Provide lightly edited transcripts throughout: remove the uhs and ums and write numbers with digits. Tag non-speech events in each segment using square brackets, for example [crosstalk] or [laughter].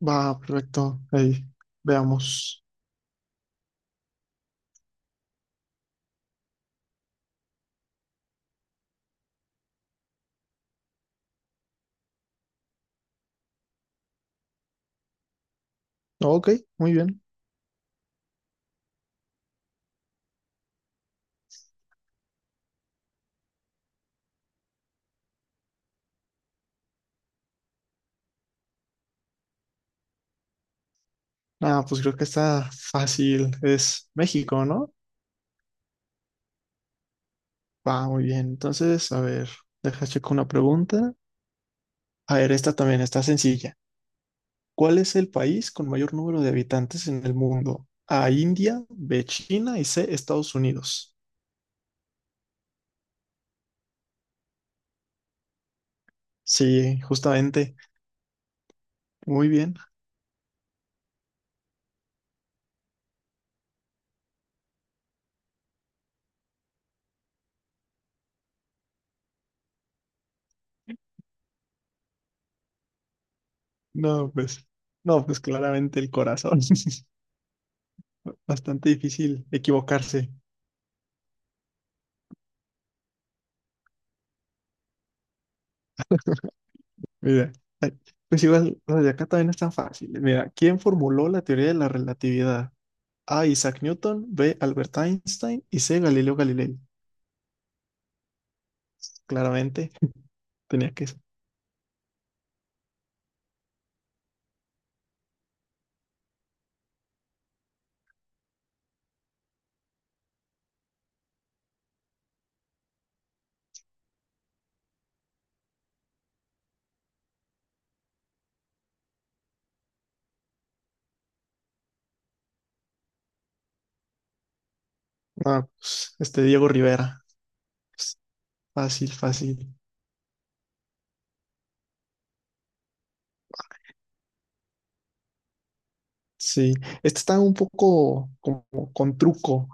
Va, perfecto. Ahí, veamos. Ok, muy bien. Ah, pues creo que está fácil. Es México, ¿no? Va, muy bien. Entonces, a ver, deja checo una pregunta. A ver, esta también está sencilla. ¿Cuál es el país con mayor número de habitantes en el mundo? A, India, B, China y C, Estados Unidos. Sí, justamente. Muy bien. No, pues, no, pues claramente el corazón. [laughs] Bastante difícil equivocarse. Mira, ay, pues igual, las de acá también no es tan fácil. Mira, ¿quién formuló la teoría de la relatividad? A. Isaac Newton, B. Albert Einstein y C. Galileo Galilei. Claramente, [laughs] tenía que ser. Ah, pues, este Diego Rivera. Pues, fácil, fácil. Sí, este está un poco como con truco,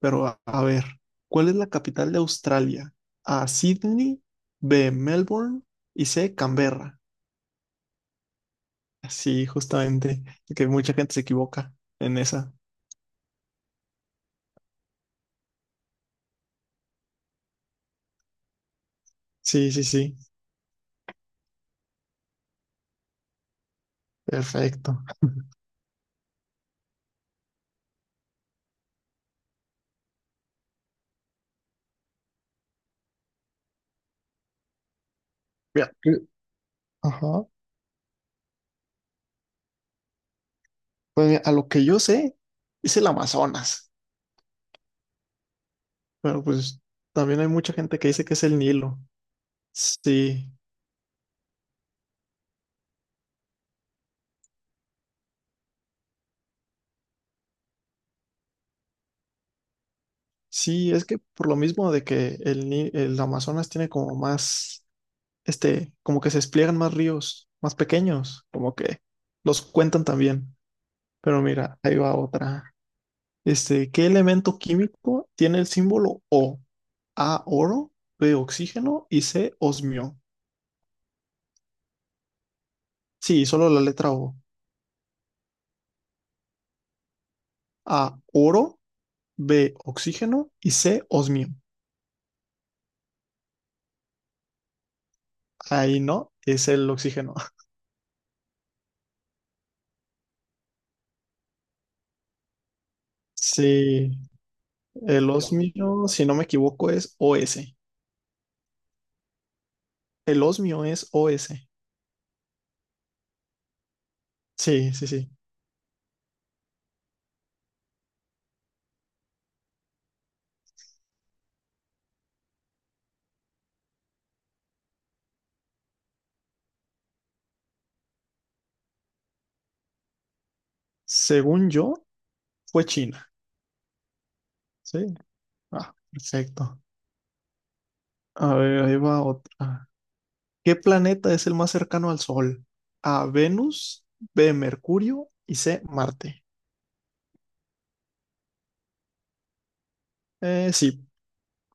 pero a ver, ¿cuál es la capital de Australia? A. Sydney, B. Melbourne y C. Canberra. Sí, justamente, que mucha gente se equivoca en esa. Sí, sí, sí, perfecto. Mira, ajá. Pues mira, a lo que yo sé, es el Amazonas, pero pues también hay mucha gente que dice que es el Nilo. Sí, sí, es que por lo mismo de que el, Ni- el Amazonas tiene como más, este, como que se despliegan más ríos, más pequeños, como que los cuentan también. Pero mira, ahí va otra. Este, ¿qué elemento químico tiene el símbolo O? A, oro, B, oxígeno y C, osmio. Sí, solo la letra O. A, oro, B, oxígeno y C, osmio. Ahí no, es el oxígeno. [laughs] Sí, el osmio, si no me equivoco, es Os. El osmio es Os. Sí, sí, sí. Según yo, fue China. Sí. Ah, perfecto. A ver, ahí va otra. ¿Qué planeta es el más cercano al Sol? A, Venus, B, Mercurio y C, Marte. Sí,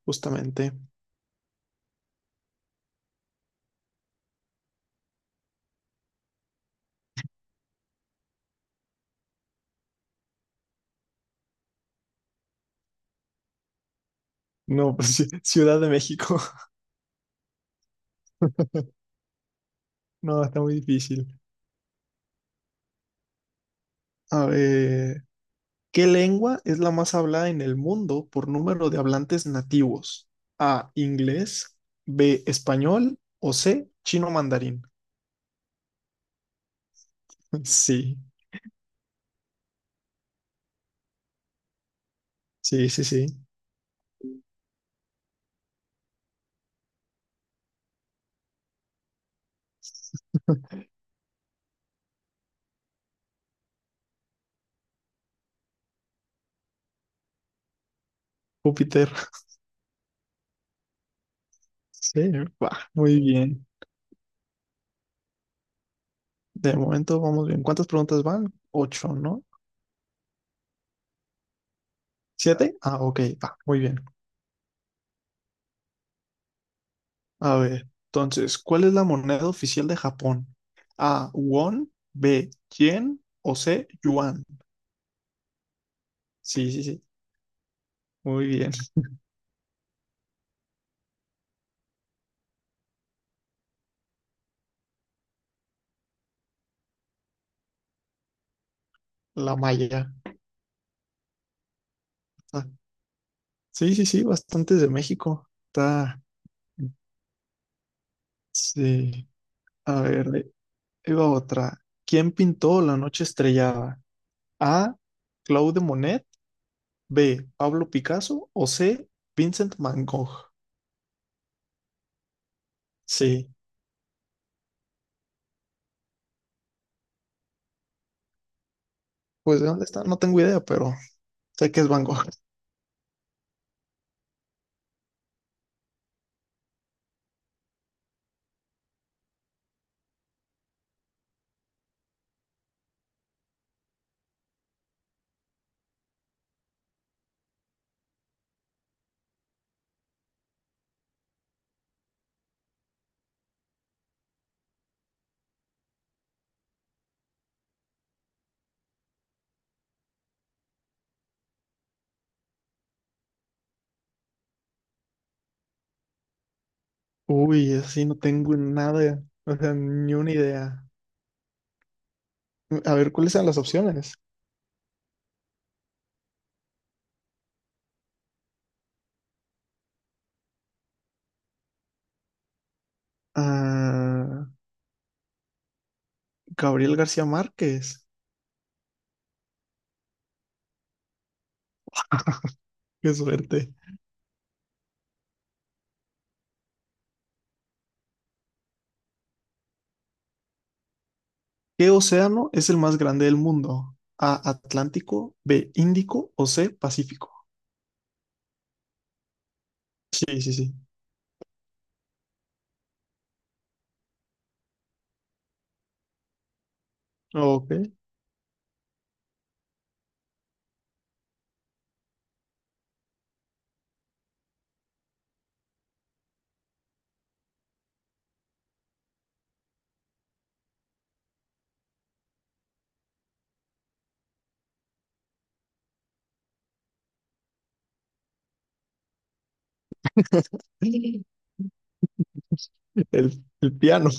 justamente. No, [laughs] pues, Ciudad de México. No, está muy difícil. A ver, ¿qué lengua es la más hablada en el mundo por número de hablantes nativos? A, inglés, B, español o C, chino mandarín. [laughs] Sí, sí, sí, sí. Júpiter. [laughs] Sí, va, muy bien. De momento vamos bien. ¿Cuántas preguntas van? Ocho, ¿no? ¿Siete? Ah, ok, va, muy bien. A ver, entonces, ¿cuál es la moneda oficial de Japón? A, won, B, yen o C, yuan. Sí, sí, sí. Muy bien, la malla. Ah, sí, sí, sí, bastantes de México. Está, sí. A ver, ahí va otra. ¿Quién pintó La noche estrellada? A. Claude Monet. B. Pablo Picasso. O C. Vincent Van Gogh. Sí. Pues, ¿de dónde está? No tengo idea, pero sé que es Van Gogh. Uy, así no tengo nada, o sea, ni una idea. A ver, ¿cuáles son las opciones? Ah, Gabriel García Márquez. Qué suerte. ¿Qué océano es el más grande del mundo? A, Atlántico, B, Índico o C, Pacífico. Sí, sí, sí. Ok. [laughs] El piano.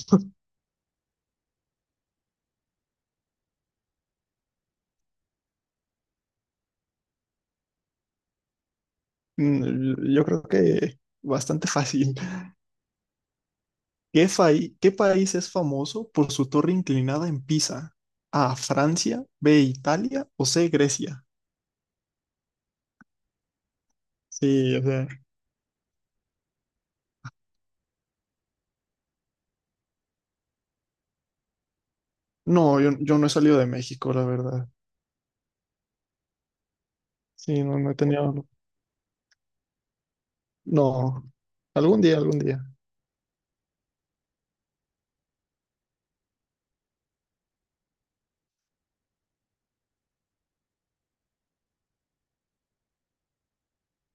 Yo creo que bastante fácil. ¿Qué país es famoso por su torre inclinada en Pisa? A, Francia, B, Italia o C, Grecia. Sí, o sea, no, yo no he salido de México, la verdad. Sí, no, no he tenido, no, algún día, algún día.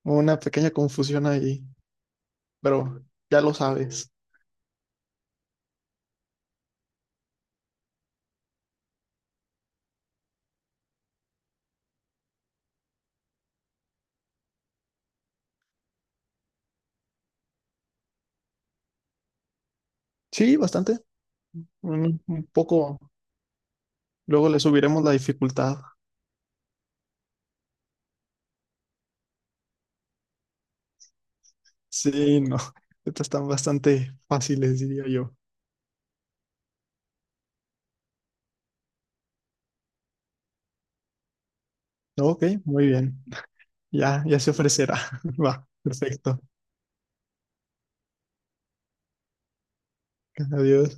Una pequeña confusión ahí. Pero ya lo sabes. Sí, bastante. Un poco. Luego le subiremos la dificultad. Sí, no. [laughs] Estas están bastante fáciles, diría yo. Ok, muy bien. Ya, ya se ofrecerá. [laughs] Va, perfecto. Adiós.